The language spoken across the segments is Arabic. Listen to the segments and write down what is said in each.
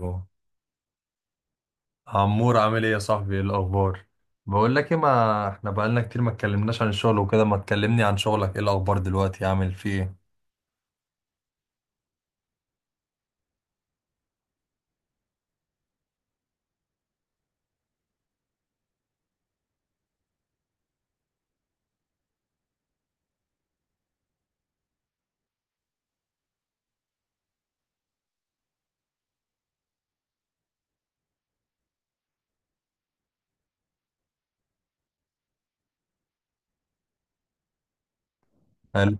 أهو. عمور عامل ايه يا صاحبي؟ ايه الاخبار؟ بقول لك ايه، ما احنا بقالنا كتير ما اتكلمناش عن الشغل وكده، ما تكلمني عن شغلك، ايه الاخبار دلوقتي؟ عامل فيه ايه؟ حلو.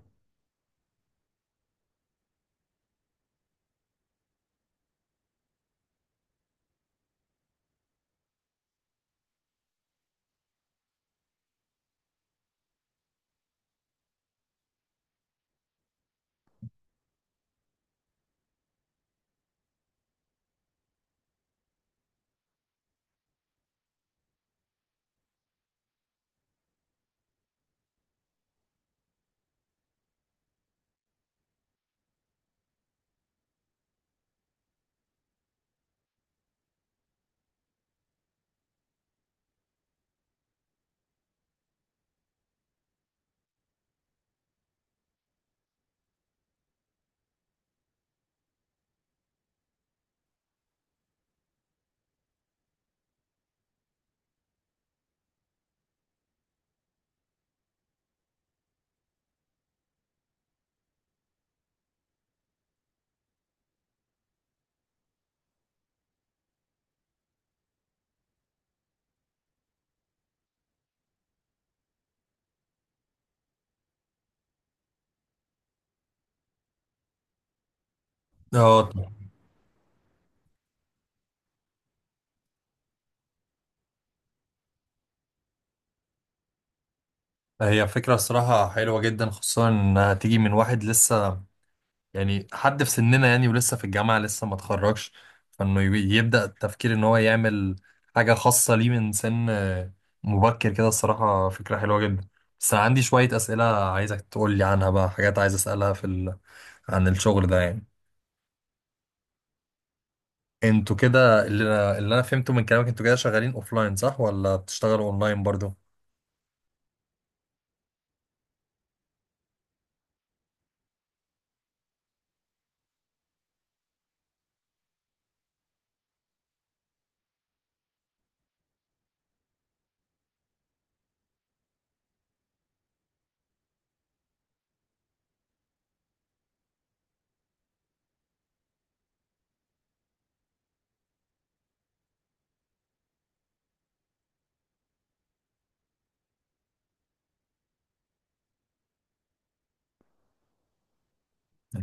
اه طبعا. هي فكرة الصراحة حلوة جدا، خصوصا انها تيجي من واحد لسه يعني حد في سننا، يعني ولسه في الجامعة لسه ما اتخرجش، فانه يبدأ التفكير ان هو يعمل حاجة خاصة ليه من سن مبكر كده. الصراحة فكرة حلوة جدا، بس انا عندي شوية أسئلة عايزك تقول لي عنها بقى، حاجات عايز أسألها في عن الشغل ده يعني. انتوا كده، اللي انا فهمته من كلامك انتوا كده شغالين اوفلاين، صح؟ ولا بتشتغلوا اونلاين برضو؟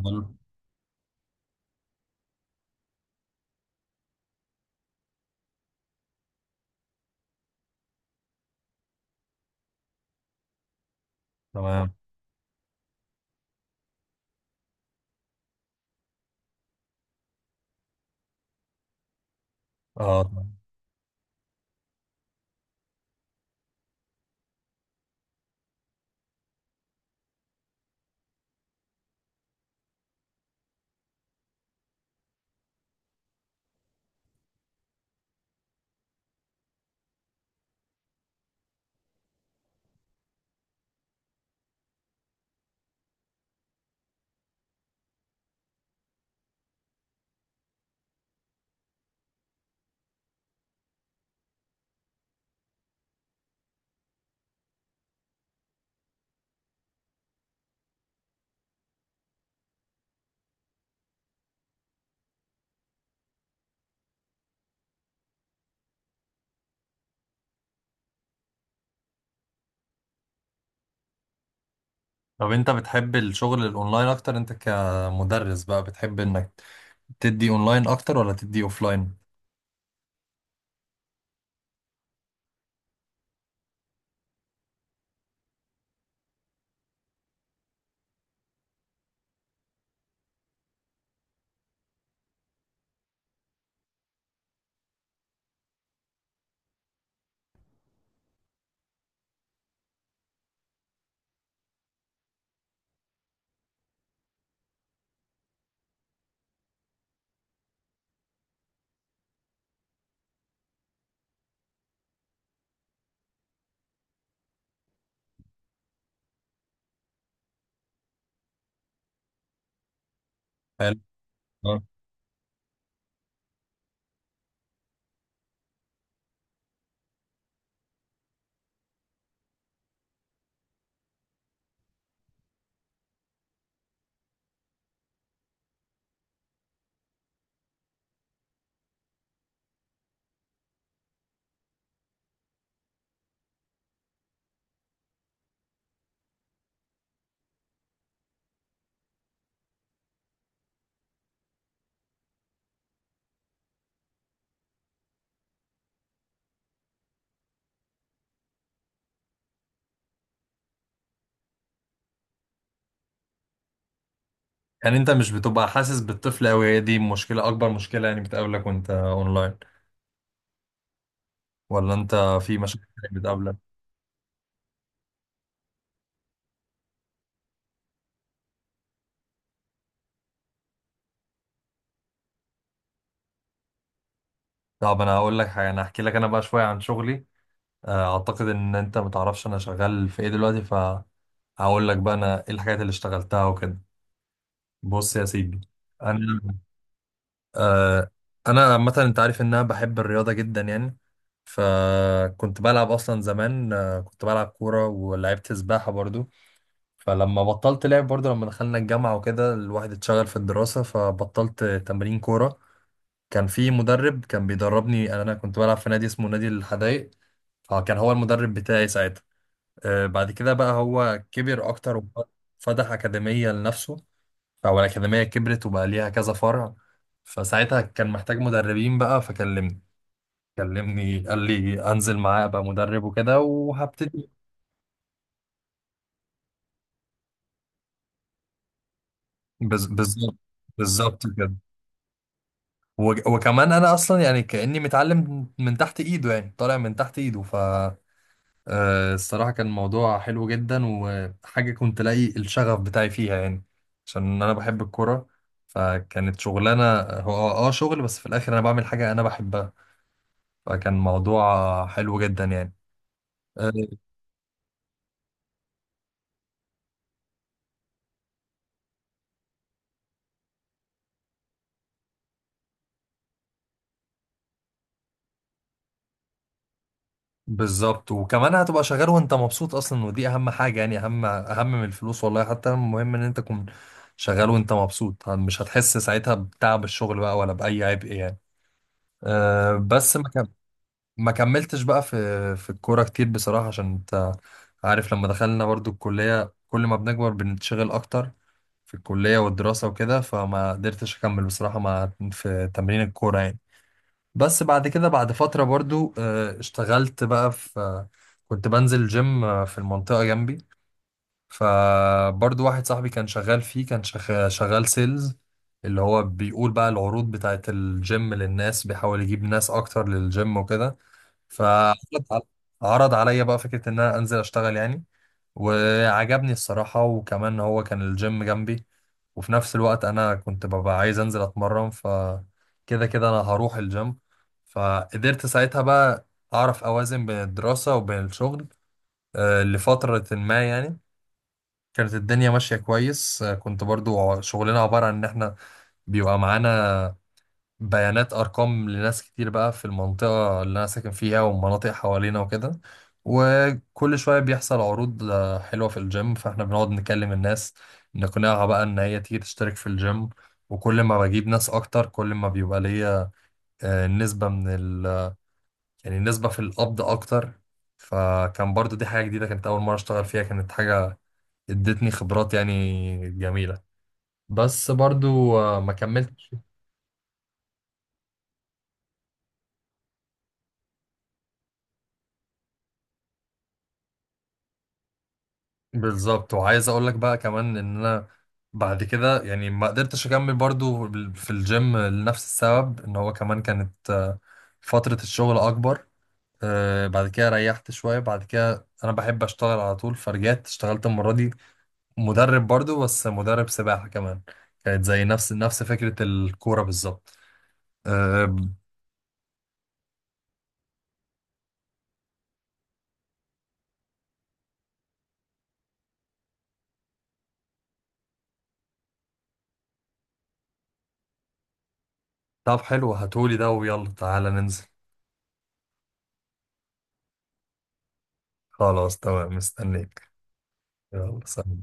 حلو. تمام. اه. طب انت بتحب الشغل الاونلاين اكتر؟ انت كمدرس بقى بتحب انك تدي اونلاين اكتر، ولا تدي اوفلاين؟ حلو. آه. يعني انت مش بتبقى حاسس بالطفل قوي، هي دي مشكلة؟ اكبر مشكلة يعني بتقابلك وانت اونلاين؟ ولا انت في مشاكل بتقابلك؟ طب انا هقول لك حاجة، انا هحكي لك انا بقى شوية عن شغلي. اعتقد ان انت متعرفش انا شغال في ايه دلوقتي، فهقول لك بقى انا ايه الحاجات اللي اشتغلتها وكده. بص يا سيدي، انا آه انا عامه انت عارف ان انا بحب الرياضه جدا يعني، فكنت بلعب اصلا زمان. كنت بلعب كوره ولعبت سباحه برضو. فلما بطلت لعب برضو لما دخلنا الجامعه وكده، الواحد اتشغل في الدراسه فبطلت تمرين كوره. كان في مدرب كان بيدربني، يعني انا كنت بلعب في نادي اسمه نادي الحدائق، فكان هو المدرب بتاعي ساعتها. بعد كده بقى هو كبر اكتر وفتح اكاديميه لنفسه، او الاكاديميه كبرت وبقى ليها كذا فرع. فساعتها كان محتاج مدربين بقى فكلمني، كلمني قال لي انزل معاه ابقى مدرب وكده وهبتدي. بالظبط. بالظبط كده. وكمان انا اصلا يعني كاني متعلم من تحت ايده، يعني طالع من تحت ايده. ف الصراحة كان موضوع حلو جدا، وحاجة كنت لاقي الشغف بتاعي فيها يعني، عشان أنا بحب الكورة. فكانت شغلانة، هو اه آه شغل، بس في الآخر أنا بعمل حاجة أنا بحبها، فكان موضوع حلو جدا يعني. آه، بالظبط. وكمان هتبقى شغال وأنت مبسوط أصلا، ودي أهم حاجة يعني، أهم أهم من الفلوس والله. حتى المهم إن أنت تكون شغال وأنت مبسوط، مش هتحس ساعتها بتعب الشغل بقى ولا بأي عبء يعني. بس ما كملتش بقى في في الكورة كتير بصراحة، عشان انت عارف لما دخلنا برضو الكلية، كل ما بنكبر بنتشغل اكتر في الكلية والدراسة وكده، فما قدرتش اكمل بصراحة مع في تمرين الكورة يعني. بس بعد كده بعد فترة برضو اشتغلت بقى في كنت بنزل جيم في المنطقة جنبي، فبرضو واحد صاحبي كان شغال فيه، كان شغال سيلز، اللي هو بيقول بقى العروض بتاعت الجيم للناس، بيحاول يجيب ناس اكتر للجيم وكده. فعرض على- عرض عليا بقى فكرة ان انا انزل اشتغل يعني. وعجبني الصراحة، وكمان هو كان الجيم جنبي، وفي نفس الوقت انا كنت ببقى عايز انزل اتمرن، فكده كده انا هروح الجيم. فقدرت ساعتها بقى اعرف اوازن بين الدراسة وبين الشغل لفترة ما يعني. كانت الدنيا ماشية كويس. كنت برضو شغلنا عبارة عن ان احنا بيبقى معانا بيانات ارقام لناس كتير بقى في المنطقه اللي انا ساكن فيها والمناطق حوالينا وكده، وكل شويه بيحصل عروض حلوه في الجيم، فاحنا بنقعد نكلم الناس نقنعها بقى ان هي تيجي تشترك في الجيم. وكل ما بجيب ناس اكتر كل ما بيبقى ليا نسبه من يعني نسبه في القبض اكتر. فكان برضو دي حاجه جديده، كانت اول مره اشتغل فيها، كانت حاجه ادتني خبرات يعني جميله. بس برضو ما كملتش. بالظبط. وعايز اقول لك بقى كمان ان انا بعد كده يعني ما قدرتش اكمل برضو في الجيم لنفس السبب، ان هو كمان كانت فترة الشغل اكبر. بعد كده ريحت شوية، بعد كده انا بحب اشتغل على طول، فرجعت اشتغلت المرة دي مدرب برضو، بس مدرب سباحة كمان. كانت زي نفس فكرة الكورة بالظبط. آه. طب حلو، هاتولي ده ويلا تعالى ننزل. خلاص تمام، مستنيك. يلا سلام.